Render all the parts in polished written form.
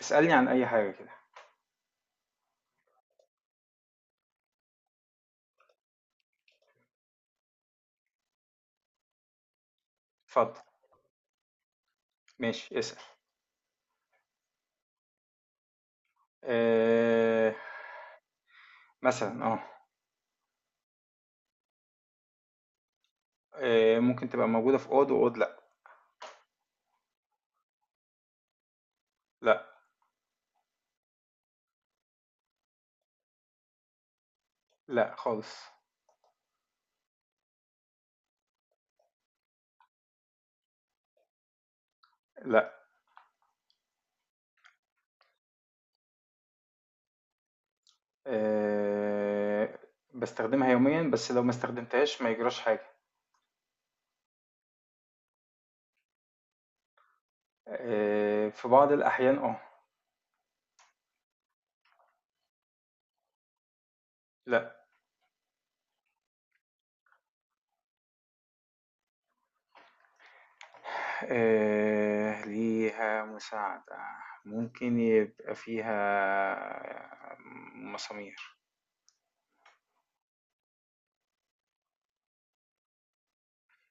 اسألني عن أي حاجة كده. اتفضل. ماشي، اسأل. آه. مثلا ممكن تبقى موجودة في أوض، وأوض لأ. لأ. خالص. لأ آه بستخدمها يوميا بس لو ما استخدمتهاش ما يجراش حاجة آه في بعض الأحيان اه لأ. آه، ليها مساعدة، ممكن يبقى فيها مسامير.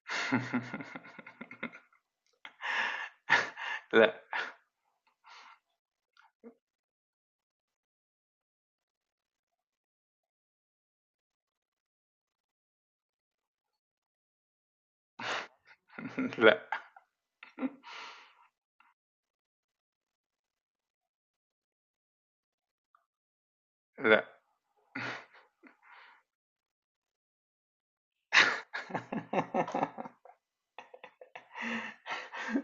لأ. لأ لأ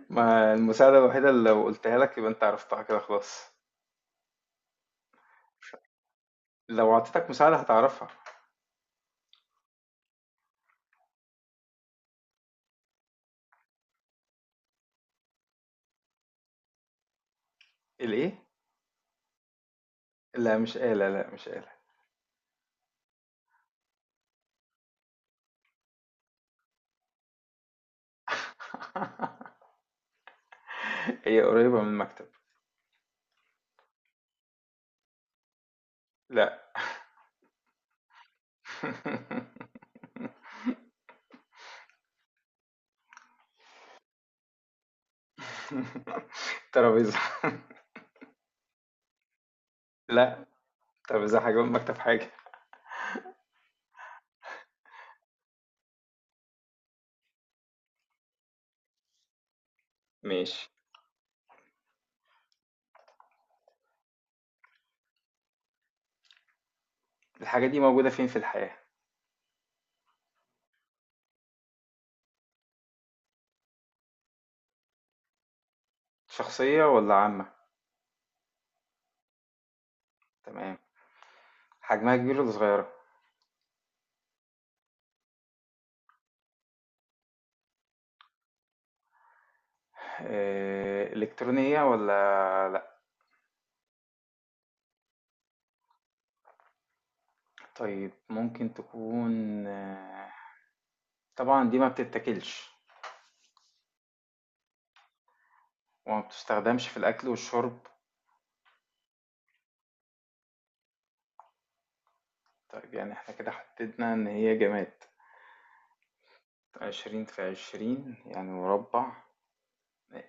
ما المساعدة الوحيدة اللي لو قلتها لك يبقى انت عرفتها كده خلاص. لو اعطيتك مساعدة هتعرفها. الايه؟ لا مش آلة، هي قريبة من المكتب. لا. ترابيزة. لا، ترابيزة حاجة والمكتب حاجة. ماشي. الحاجة دي موجودة فين في الحياة؟ شخصية ولا عامة؟ تمام. حجمها كبير ولا صغيرة؟ إلكترونية ولا لا؟ طيب، ممكن تكون طبعا دي ما بتتاكلش، وما بتستخدمش في الأكل والشرب. طيب، يعني احنا كده حددنا إن هي جماد. عشرين في عشرين يعني مربع.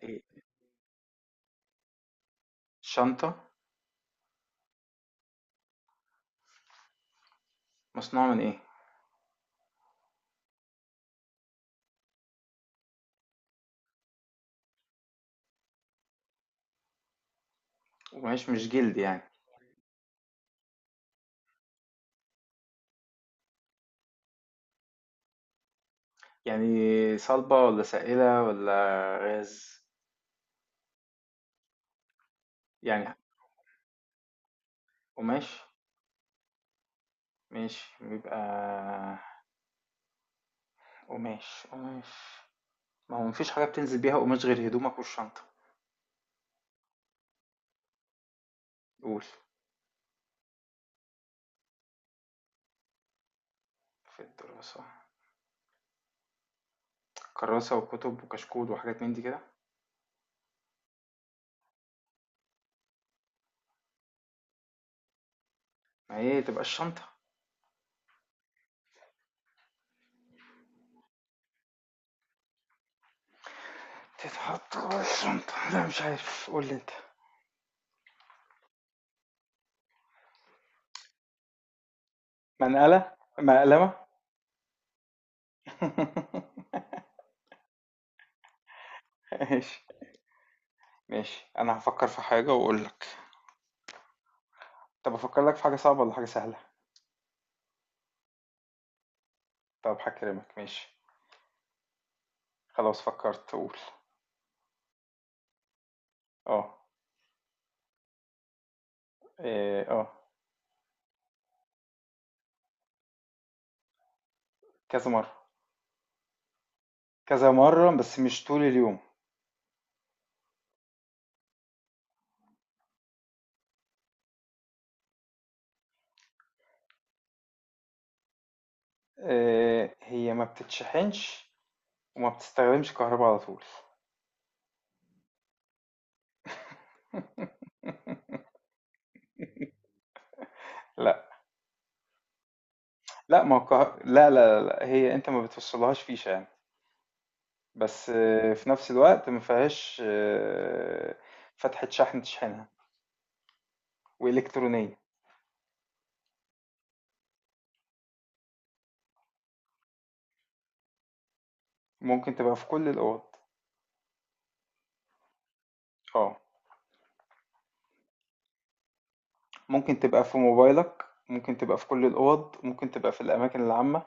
إيه؟ شنطة. مصنوعة من إيه؟ ومش مش جلد يعني. يعني صلبة ولا سائلة ولا غاز؟ يعني قماش. ماشي، بيبقى قماش. ما هو مفيش حاجة بتنزل بيها قماش غير هدومك والشنطة. قول. في الدراسة، كراسة وكتب وكشكول وحاجات من دي كده. ما هي تبقى الشنطة. تتحط جوه الشنطة، لا مش عارف، قول لي انت. منقلة، مقلمة. ماشي. ماشي، انا هفكر في حاجة واقول لك. طب افكر لك في حاجة صعبة ولا حاجة سهلة؟ طب هكرمك، ماشي. خلاص فكرت، قول. اه. إيه، اه. كذا مرة. كذا مرة بس مش طول اليوم. إيه، هي ما بتتشحنش وما بتستخدمش كهرباء على طول. لا، لا ما هو لا، هي انت ما بتوصلهاش فيشة يعني. بس في نفس الوقت ما فيهاش فتحة شحن تشحنها، وإلكترونية. ممكن تبقى في كل الأوض. اه، ممكن تبقى في موبايلك، ممكن تبقى في كل الأوض، ممكن تبقى في الأماكن العامة،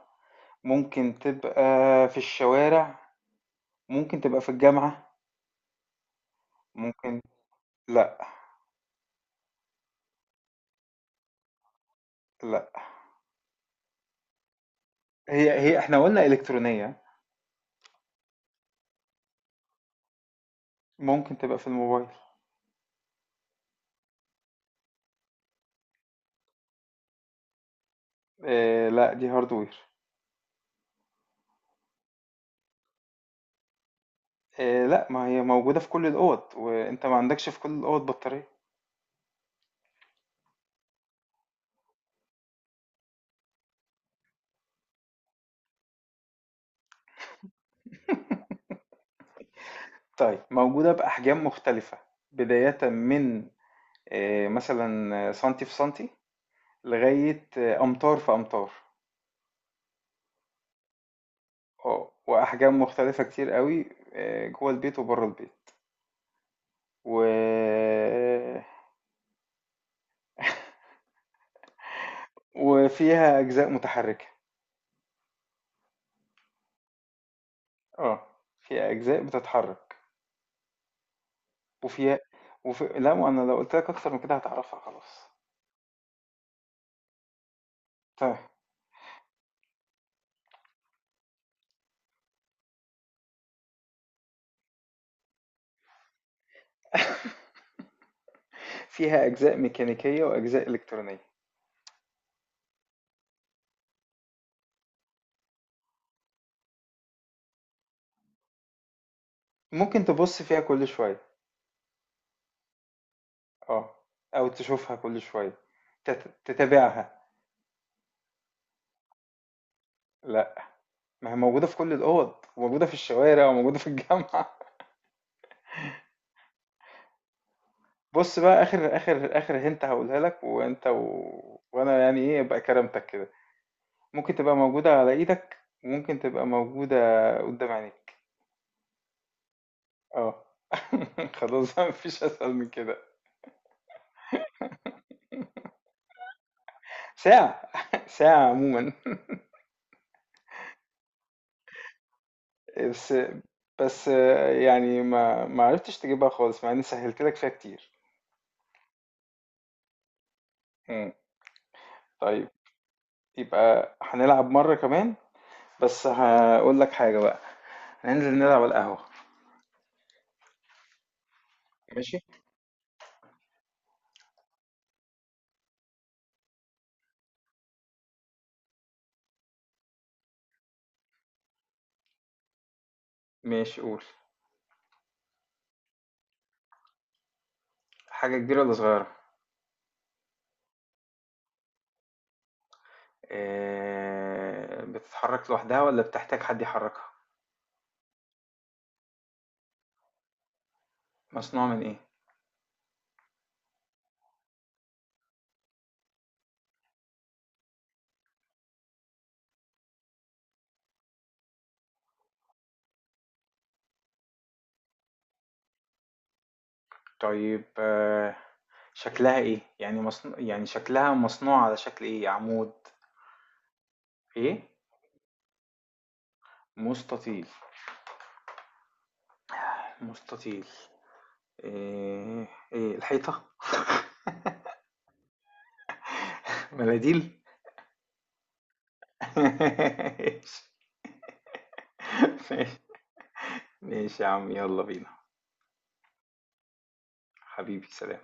ممكن تبقى في الشوارع، ممكن تبقى في الجامعة. ممكن. لا. لا هي هي احنا قلنا إلكترونية. ممكن تبقى في الموبايل. آه لا، دي هاردوير. آه لا، ما هي موجودة في كل الأوض، وانت ما عندكش في كل الأوض بطارية. طيب، موجودة بأحجام مختلفة. بداية من مثلا سنتي في سنتي، لغاية أمتار في أمتار. اه، وأحجام مختلفة كتير قوي. جوه البيت وبره البيت، و... وفيها أجزاء متحركة. اه، فيها أجزاء بتتحرك. وفيها لا، ما أنا لو قلت لك أكتر من كده هتعرفها خلاص. طيب، فيها أجزاء ميكانيكية وأجزاء إلكترونية. ممكن تبص فيها كل شوية. آه، أو تشوفها كل شوية، تتابعها. لأ، ما هي موجودة في كل الأوض، وموجودة في الشوارع وموجودة في الجامعة. بُص بقى، آخر hint هاقولها لك، وأنت وأنا يعني إيه، أبقى كرمتك كده. ممكن تبقى موجودة على إيدك، وممكن تبقى موجودة قدّام عينيك. آه. خلاص، ما فيش أسهل من كده. ساعة. ساعة عمومًا. بس. بس يعني ما عرفتش تجيبها خالص مع إني سهّلت لك فيها كتير. إمم، طيب، يبقى هنلعب مرة كمان، بس هقول لك حاجة بقى. هننزل نلعب على القهوة. ماشي. ماشي، قول. حاجة كبيرة ولا صغيرة؟ إيه، بتتحرك لوحدها ولا بتحتاج حد يحركها؟ مصنوعة من ايه؟ طيب، شكلها ايه يعني، مصنوع يعني شكلها مصنوع على شكل ايه، عمود؟ ايه. مستطيل مستطيل. ايه، ايه، الحيطة؟ مناديل. ماشي. ماشي ماشي يا عم، يلا بينا. حبيبي سلام.